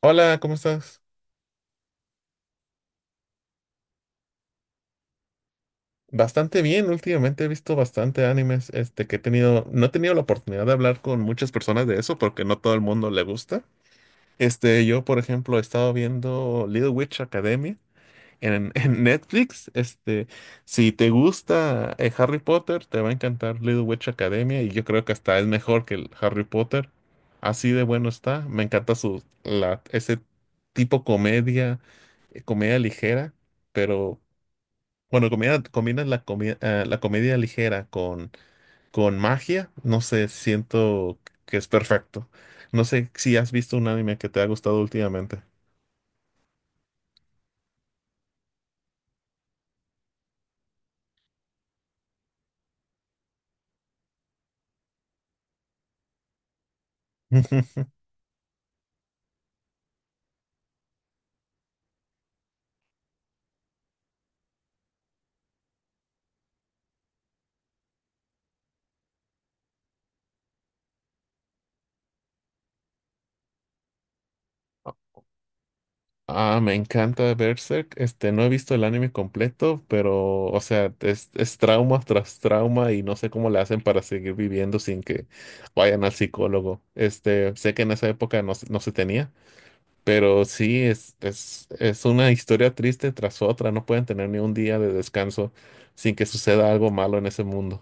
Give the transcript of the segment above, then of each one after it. Hola, ¿cómo estás? Bastante bien, últimamente he visto bastante animes, no he tenido la oportunidad de hablar con muchas personas de eso porque no todo el mundo le gusta. Yo, por ejemplo, he estado viendo Little Witch Academia en, en Netflix. Si te gusta Harry Potter, te va a encantar Little Witch Academia y yo creo que hasta es mejor que el Harry Potter. Así de bueno está. Me encanta ese tipo comedia, comedia ligera, pero bueno, combinas la comedia ligera con magia, no sé, siento que es perfecto. No sé si has visto un anime que te ha gustado últimamente. Ah, me encanta Berserk. No he visto el anime completo, pero, o sea, es trauma tras trauma y no sé cómo le hacen para seguir viviendo sin que vayan al psicólogo. Sé que en esa época no, no se tenía. Pero sí, es una historia triste tras otra. No pueden tener ni un día de descanso sin que suceda algo malo en ese mundo.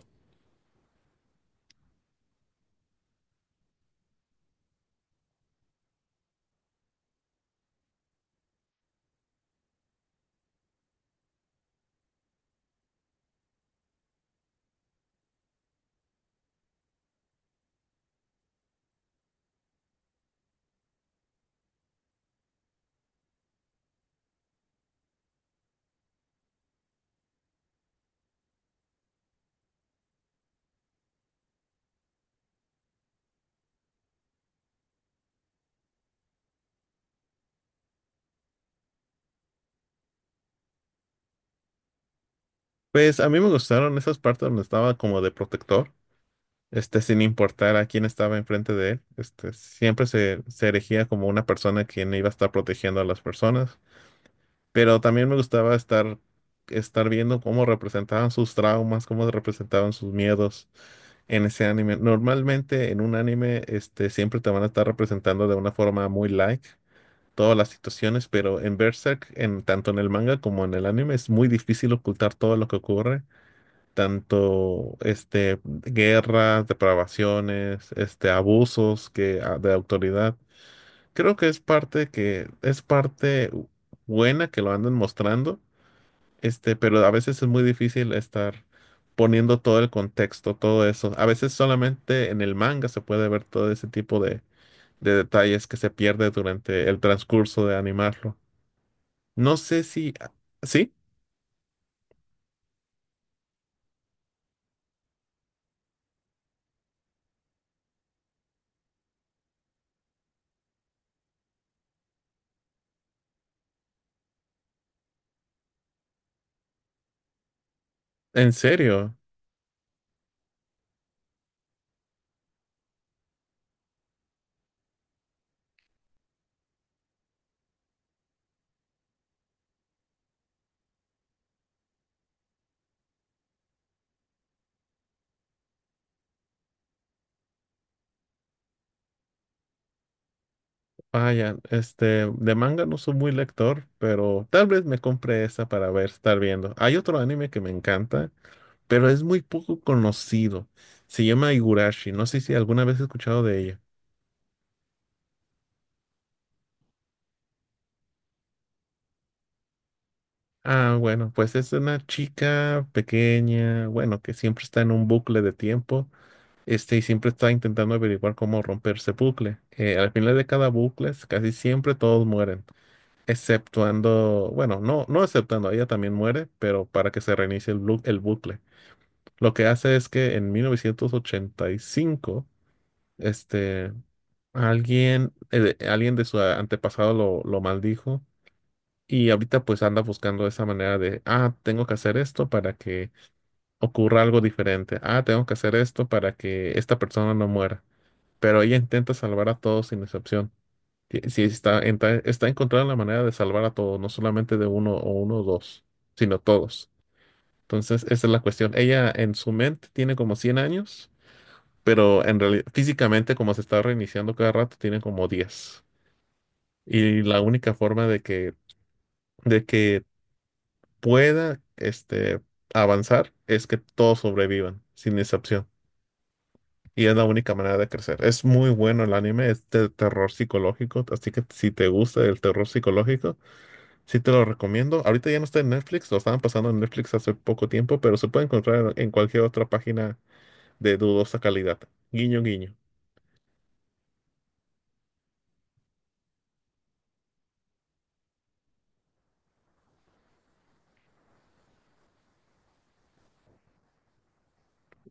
Pues a mí me gustaron esas partes donde estaba como de protector, sin importar a quién estaba enfrente de él. Siempre se erigía como una persona quien iba a estar protegiendo a las personas. Pero también me gustaba estar viendo cómo representaban sus traumas, cómo representaban sus miedos en ese anime. Normalmente en un anime, siempre te van a estar representando de una forma muy light todas las situaciones, pero en Berserk, en, tanto en el manga como en el anime, es muy difícil ocultar todo lo que ocurre, tanto guerras, depravaciones, abusos que, de autoridad. Creo que es parte buena que lo andan mostrando, pero a veces es muy difícil estar poniendo todo el contexto, todo eso. A veces solamente en el manga se puede ver todo ese tipo de detalles que se pierde durante el transcurso de animarlo. No sé si... ¿Sí? ¿En serio? Vaya, de manga no soy muy lector, pero tal vez me compre esa para ver, estar viendo. Hay otro anime que me encanta, pero es muy poco conocido. Se llama Higurashi. No sé si alguna vez he escuchado de ella. Ah, bueno, pues es una chica pequeña, bueno, que siempre está en un bucle de tiempo, y siempre está intentando averiguar cómo romper ese bucle. Al final de cada bucle, casi siempre todos mueren, exceptuando, bueno, no, no exceptuando, ella también muere, pero para que se reinicie el bucle. Lo que hace es que en 1985, este, alguien, alguien de su antepasado lo maldijo y ahorita pues anda buscando esa manera de, tengo que hacer esto para que ocurra algo diferente. Ah, tengo que hacer esto para que esta persona no muera. Pero ella intenta salvar a todos sin excepción. Sí, está encontrando la manera de salvar a todos, no solamente de uno o dos, sino todos. Entonces, esa es la cuestión. Ella en su mente tiene como 100 años, pero en realidad físicamente como se está reiniciando cada rato, tiene como 10. Y la única forma de que de que pueda avanzar es que todos sobrevivan, sin excepción. Y es la única manera de crecer. Es muy bueno el anime, es de terror psicológico, así que si te gusta el terror psicológico, sí te lo recomiendo. Ahorita ya no está en Netflix, lo estaban pasando en Netflix hace poco tiempo, pero se puede encontrar en cualquier otra página de dudosa calidad. Guiño, guiño.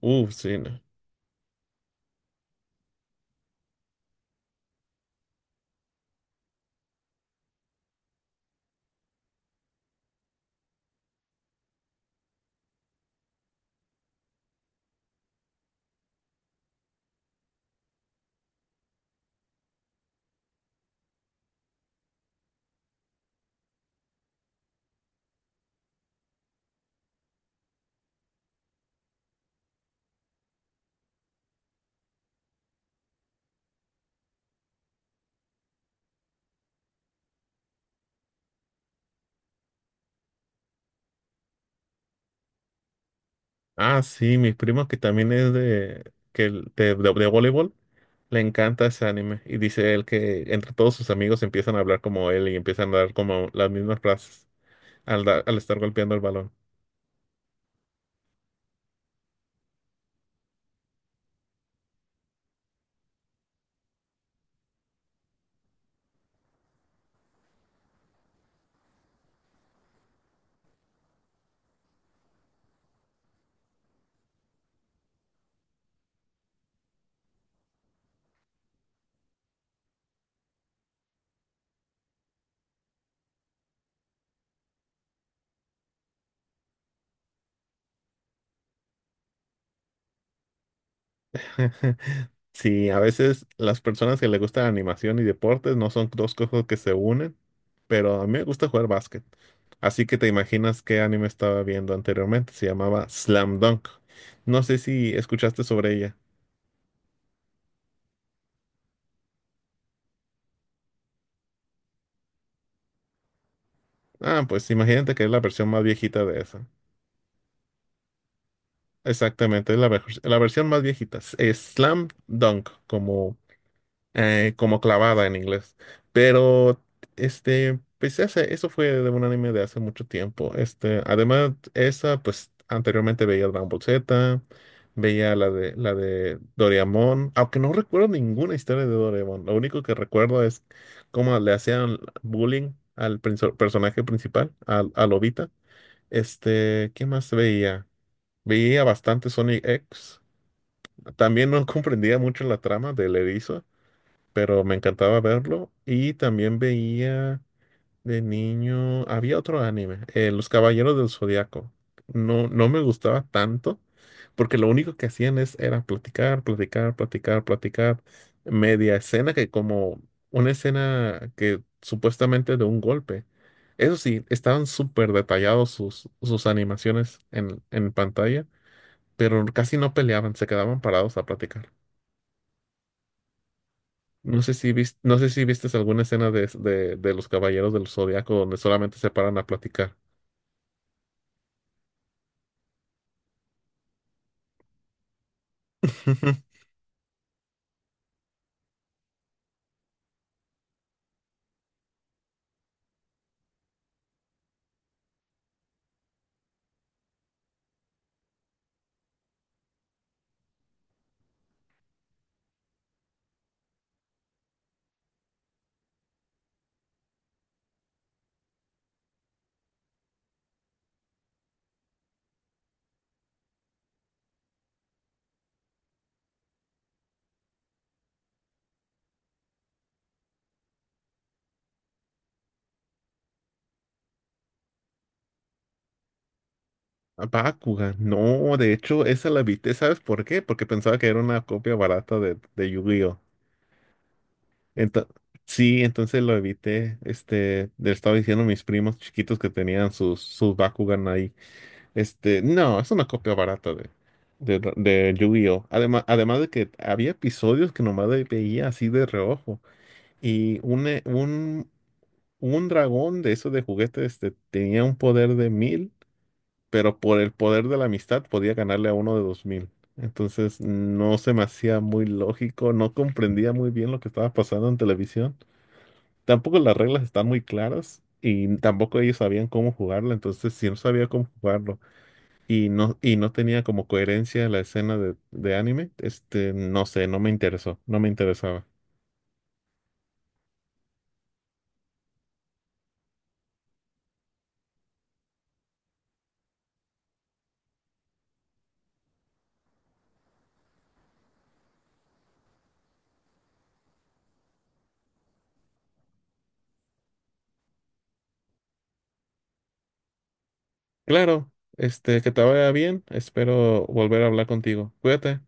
Uf, sí. No. Ah, sí, mi primo que también es de, que, el- de voleibol. Le encanta ese anime y dice él que entre todos sus amigos empiezan a hablar como él y empiezan a dar como las mismas frases al estar golpeando el balón. Sí, a veces las personas que le gustan animación y deportes no son dos cosas que se unen, pero a mí me gusta jugar básquet. Así que te imaginas qué anime estaba viendo anteriormente. Se llamaba Slam Dunk. No sé si escuchaste sobre ella. Ah, pues imagínate que es la versión más viejita de esa. Exactamente, es la versión más viejita. Es slam dunk, como, como clavada en inglés. Pero, pues eso fue de un anime de hace mucho tiempo. Además, pues anteriormente veía Dragon Ball Z, veía la de Doraemon, aunque no recuerdo ninguna historia de Doraemon. Lo único que recuerdo es cómo le hacían bullying personaje principal, a Lobita. ¿Qué más veía? Veía bastante Sonic X. También no comprendía mucho la trama del erizo, pero me encantaba verlo. Y también veía de niño, había otro anime, Los Caballeros del Zodiaco. No, no me gustaba tanto, porque lo único que hacían era platicar, platicar, platicar, platicar. Media escena que como una escena que supuestamente de un golpe. Eso sí, estaban súper detallados sus animaciones en pantalla, pero casi no peleaban, se quedaban parados a platicar. No sé si viste, no sé si vistes alguna escena de los Caballeros del Zodiaco donde solamente se paran a platicar. A Bakugan, no, de hecho, esa la viste, ¿sabes por qué? Porque pensaba que era una copia barata de Yu-Gi-Oh! Ento- sí, entonces lo evité. Le estaba diciendo a mis primos chiquitos que tenían sus Bakugan ahí. No, es una copia barata de Yu-Gi-Oh! Además, además de que había episodios que nomás veía así de reojo. Y un dragón de esos de juguete tenía un poder de 1000, pero por el poder de la amistad podía ganarle a uno de 2000. Entonces no se me hacía muy lógico, no comprendía muy bien lo que estaba pasando en televisión. Tampoco las reglas están muy claras y tampoco ellos sabían cómo jugarla, entonces si no sabía cómo jugarlo y no tenía como coherencia la escena de anime, no sé, no me interesó, no me interesaba. Claro, que te vaya bien, espero volver a hablar contigo. Cuídate.